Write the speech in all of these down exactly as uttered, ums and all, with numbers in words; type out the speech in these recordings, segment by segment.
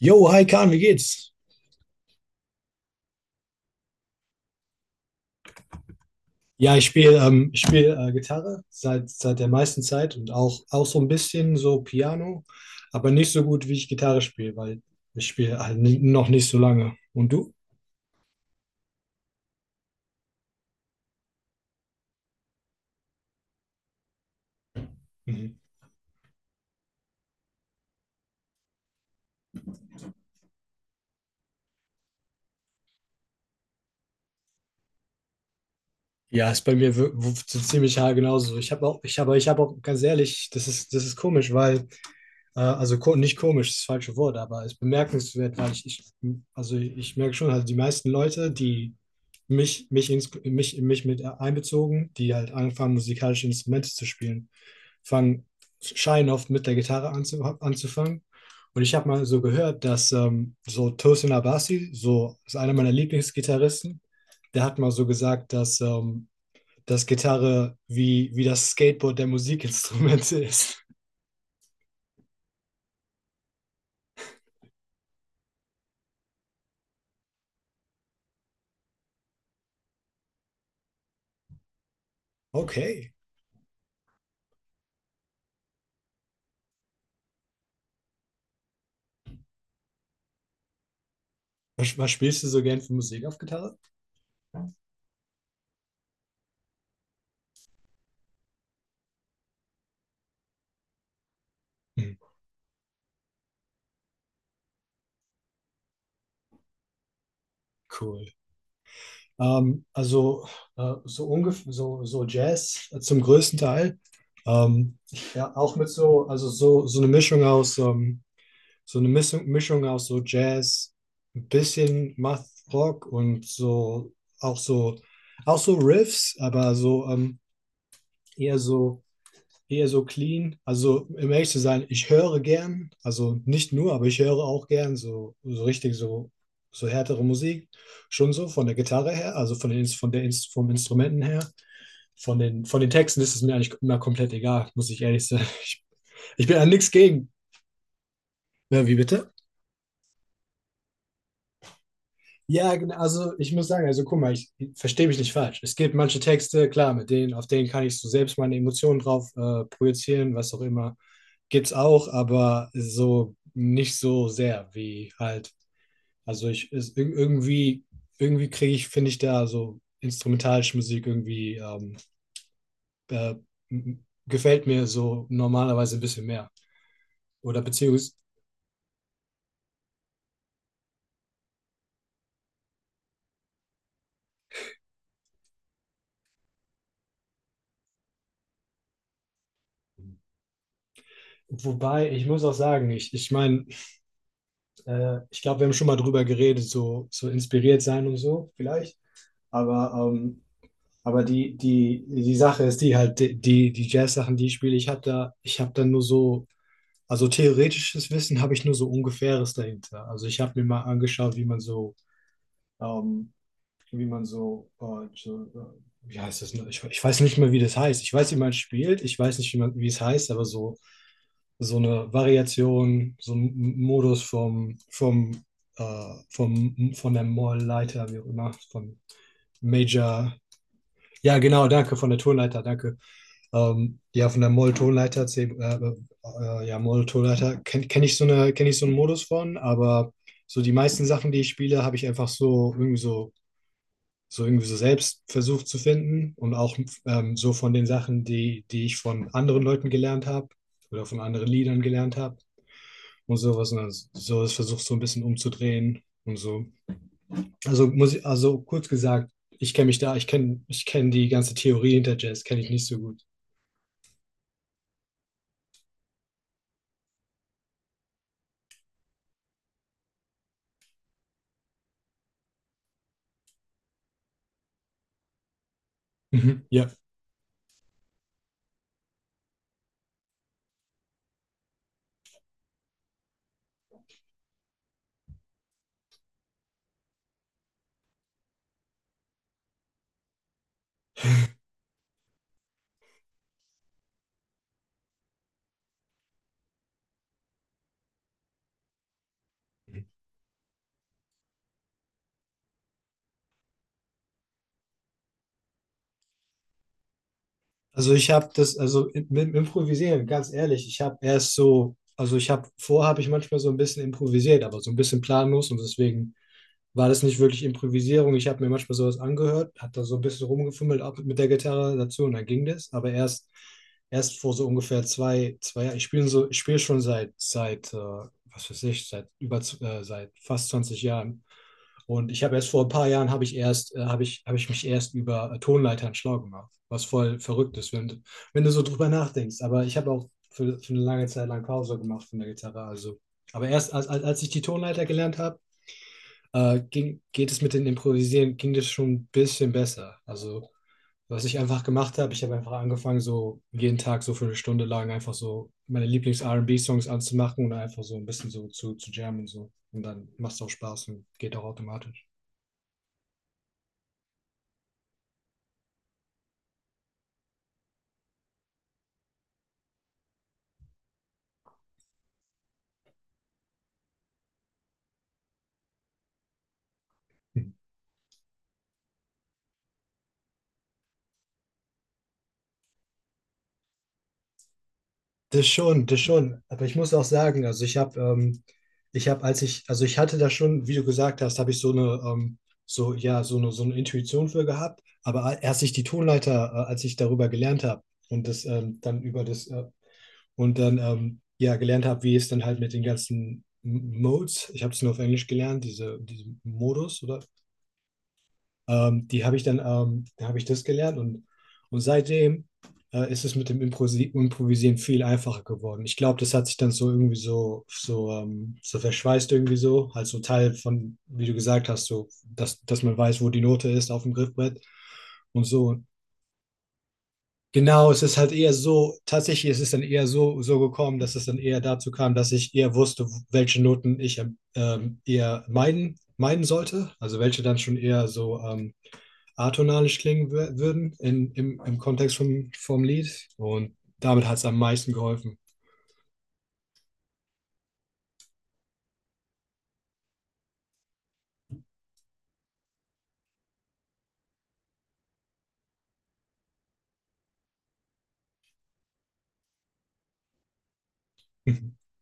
Jo, hi Kahn, wie geht's? Ja, ich spiele ähm, ich spiel, äh, Gitarre seit, seit der meisten Zeit und auch, auch so ein bisschen so Piano, aber nicht so gut, wie ich Gitarre spiele, weil ich spiele halt ni- noch nicht so lange. Und du? Mhm. Ja, ist bei mir wir- w- so ziemlich haargenau genauso. Ich habe auch, ich habe, ich habe auch ganz ehrlich, das ist, das ist komisch, weil. Äh, also ko- nicht komisch, das falsche Wort, aber es ist bemerkenswert, weil ich, ich, also ich merke schon, also die meisten Leute, die mich, mich, ins, mich, mich mit einbezogen, die halt anfangen, musikalische Instrumente zu spielen, fangen, scheinen oft mit der Gitarre anzu, anzufangen. Und ich habe mal so gehört, dass ähm, so Tosin Abasi, so ist einer meiner Lieblingsgitarristen, der hat mal so gesagt, dass, ähm, dass Gitarre wie, wie das Skateboard der Musikinstrumente ist. Okay. Was, was spielst du so gern für Musik auf Gitarre? Hm, cool. Ähm, also äh, so ungefähr so, so Jazz äh, zum größten Teil. Ähm, ja, auch mit so, also so, so eine Mischung aus, ähm, so eine Mischung, Mischung aus so Jazz, ein bisschen Math Rock und so auch so auch so Riffs, aber so ähm, eher so eher so clean. Also, um ehrlich zu sein, ich höre gern, also nicht nur, aber ich höre auch gern so, so richtig so, so härtere Musik. Schon so von der Gitarre her, also von den, Ins- von der, Ins- vom Instrumenten her. Von den, von den Texten ist es mir eigentlich immer komplett egal, muss ich ehrlich sein. Ich, ich bin an nichts gegen. Ja, wie bitte? Ja, genau, also ich muss sagen, also guck mal, ich, ich verstehe mich nicht falsch. Es gibt manche Texte, klar, mit denen, auf denen kann ich so selbst meine Emotionen drauf äh, projizieren, was auch immer. Gibt's auch, aber so nicht so sehr wie halt. Also ich ist, ir- irgendwie, irgendwie kriege ich, finde ich da so instrumentalische Musik irgendwie ähm, äh, m- gefällt mir so normalerweise ein bisschen mehr. Oder beziehungsweise, wobei, ich muss auch sagen, ich, ich meine, äh, ich glaube, wir haben schon mal drüber geredet, so, so inspiriert sein und so, vielleicht. Aber, ähm, aber die, die, die Sache ist die halt, die, die die Jazz-Sachen, die ich spiele, ich habe da, ich habe da nur so. Also theoretisches Wissen habe ich nur so ungefähres dahinter. Also ich habe mir mal angeschaut, wie man so, ähm, wie man so, äh, so äh, wie heißt das? Ne? Ich, ich weiß nicht mehr, wie das heißt. Ich weiß, wie man spielt. Ich weiß nicht, wie man, wie es heißt, aber so so eine Variation, so ein M- Modus vom vom äh, vom von der Moll-Leiter, wie auch immer, von Major. Ja, genau, danke von der Tonleiter. Danke. Ähm, ja, von der Moll-Tonleiter, C- äh, äh, ja, Moll-Tonleiter kenne kenn ich so eine, kenne ich so einen Modus von, aber so die meisten Sachen, die ich spiele, habe ich einfach so irgendwie so, so irgendwie so selbst versucht zu finden und auch ähm, so von den Sachen, die, die ich von anderen Leuten gelernt habe oder von anderen Liedern gelernt habe und sowas. Und dann so das versucht so ein bisschen umzudrehen und so. Also muss ich, also kurz gesagt, ich kenne mich da, ich kenne, ich kenne die ganze Theorie hinter Jazz, kenne ich nicht so gut. Mhm. Ja. Also ich habe das, also im- mit dem Improvisieren, ganz ehrlich, ich habe erst so, also ich habe, vorher habe ich manchmal so ein bisschen improvisiert, aber so ein bisschen planlos und deswegen war das nicht wirklich Improvisierung. Ich habe mir manchmal sowas angehört, hat da so ein bisschen rumgefummelt auch mit der Gitarre dazu und dann ging das, aber erst, erst vor so ungefähr zwei, zwei Jahren, ich spiele so, ich spiele schon seit, seit, äh, was weiß ich, seit über, z- äh, seit fast zwanzig Jahren. Und ich habe erst vor ein paar Jahren habe ich erst, äh, habe ich, habe ich mich erst über äh, Tonleitern schlau gemacht, was voll verrückt ist, wenn, du- wenn du so drüber nachdenkst. Aber ich habe auch für, für eine lange Zeit lang Pause gemacht von der Gitarre. Also. Aber erst als, als, als ich die Tonleiter gelernt habe, äh, ging, geht es mit dem Improvisieren, ging das schon ein bisschen besser. Also, was ich einfach gemacht habe, ich habe einfach angefangen, so jeden Tag so für eine Stunde lang einfach so meine Lieblings-R und B-Songs anzumachen und einfach so ein bisschen so zu, zu jammen und so. Und dann macht es auch Spaß und geht auch automatisch. Das schon, das schon. Aber ich muss auch sagen, also ich habe, ähm, ich habe, als ich, also ich hatte da schon, wie du gesagt hast, habe ich so eine, ähm, so, ja, so eine, so eine Intuition für gehabt. Aber a- erst ich die Tonleiter, äh, als ich darüber gelernt habe und das ähm, dann über das, äh, und dann, ähm, ja, gelernt habe, wie es dann halt mit den ganzen M- Modes, ich habe es nur auf Englisch gelernt, diese, diese Modus oder ähm, die habe ich dann, ähm, da habe ich das gelernt und, und seitdem äh, ist es mit dem Improsi Improvisieren viel einfacher geworden. Ich glaube, das hat sich dann so irgendwie so, so, ähm, so verschweißt irgendwie so, halt so Teil von, wie du gesagt hast, so, dass, dass man weiß, wo die Note ist auf dem Griffbrett und so. Genau, es ist halt eher so, tatsächlich ist es dann eher so, so gekommen, dass es dann eher dazu kam, dass ich eher wusste, welche Noten ich ähm, eher meiden, meiden sollte. Also welche dann schon eher so ähm, atonalisch klingen wür- würden in, im, im Kontext vom, vom Lied. Und damit hat es am meisten geholfen.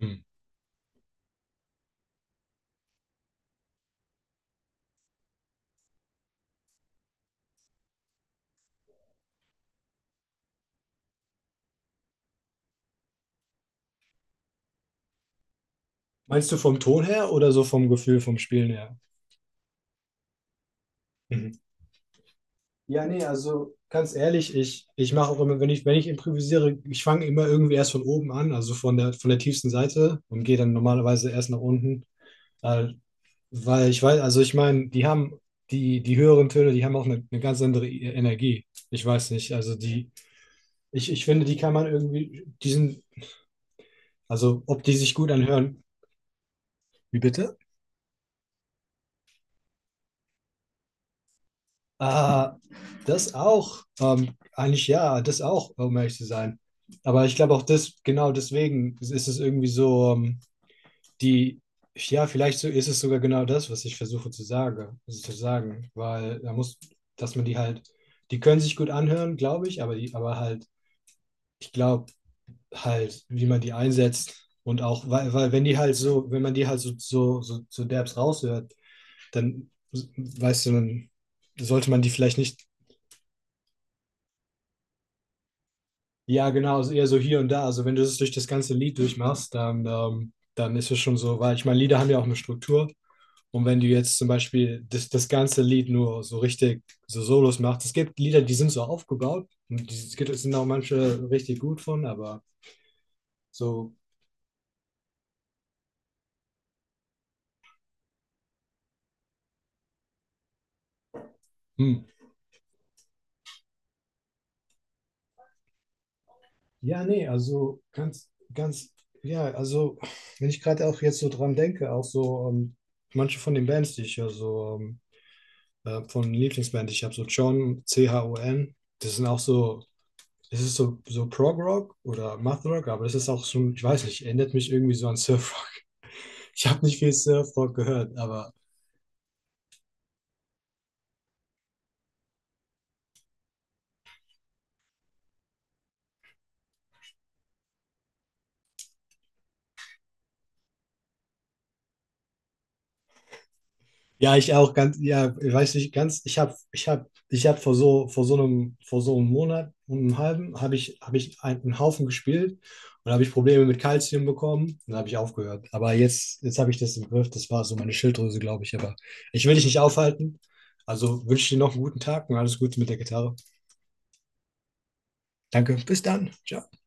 Hm. Meinst du vom Ton her oder so vom Gefühl, vom Spielen her? Mhm. Ja, nee, also ganz ehrlich, ich, ich mache auch immer, wenn ich, wenn ich improvisiere, ich fange immer irgendwie erst von oben an, also von der, von der tiefsten Seite und gehe dann normalerweise erst nach unten. Da Weil ich weiß, also ich meine, die haben die, die höheren Töne, die haben auch eine, eine ganz andere I- Energie. Ich weiß nicht. Also die, ich, ich finde, die kann man irgendwie, die sind, also ob die sich gut anhören. Wie bitte? Ah, das auch. Ähm, eigentlich ja, das auch, um ehrlich zu sein. Aber ich glaube auch das, genau deswegen ist es irgendwie so, ähm, die, ja, vielleicht so ist es sogar genau das, was ich versuche zu sagen, zu sagen. Weil da muss, dass man die halt, die können sich gut anhören, glaube ich, aber die, aber halt ich glaube halt, wie man die einsetzt und auch, weil, weil wenn die halt so, wenn man die halt so, so, so, so derbs raushört, dann weißt du, dann sollte man die vielleicht nicht. Ja, genau, also eher so hier und da, also wenn du das durch das ganze Lied durchmachst, dann, ähm, dann ist es schon so, weil ich meine, Lieder haben ja auch eine Struktur und wenn du jetzt zum Beispiel das, das ganze Lied nur so richtig so Solos machst, es gibt Lieder, die sind so aufgebaut und die, es gibt, es sind auch manche richtig gut von, aber so. Hm. Ja, nee, also ganz, ganz, ja, also wenn ich gerade auch jetzt so dran denke, auch so ähm, manche von den Bands, die ich höre, so ähm, äh, von Lieblingsband, ich habe so John, C H O N, das sind auch so, es ist so, so Prog-Rock oder Math-Rock, aber das ist auch schon, ich weiß nicht, erinnert mich irgendwie so an Surf-Rock. Ich habe nicht viel Surf-Rock gehört, aber. Ja, ich auch ganz, ja, ich weiß nicht ganz, ich habe, ich habe, ich habe vor so, vor so einem, vor so einem Monat und einem halben habe ich, habe ich einen, einen Haufen gespielt und habe ich Probleme mit Kalzium bekommen und habe ich aufgehört. Aber jetzt, jetzt habe ich das im Griff, das war so meine Schilddrüse, glaube ich. Aber ich will dich nicht aufhalten. Also wünsche dir noch einen guten Tag und alles Gute mit der Gitarre. Danke, bis dann. Ciao.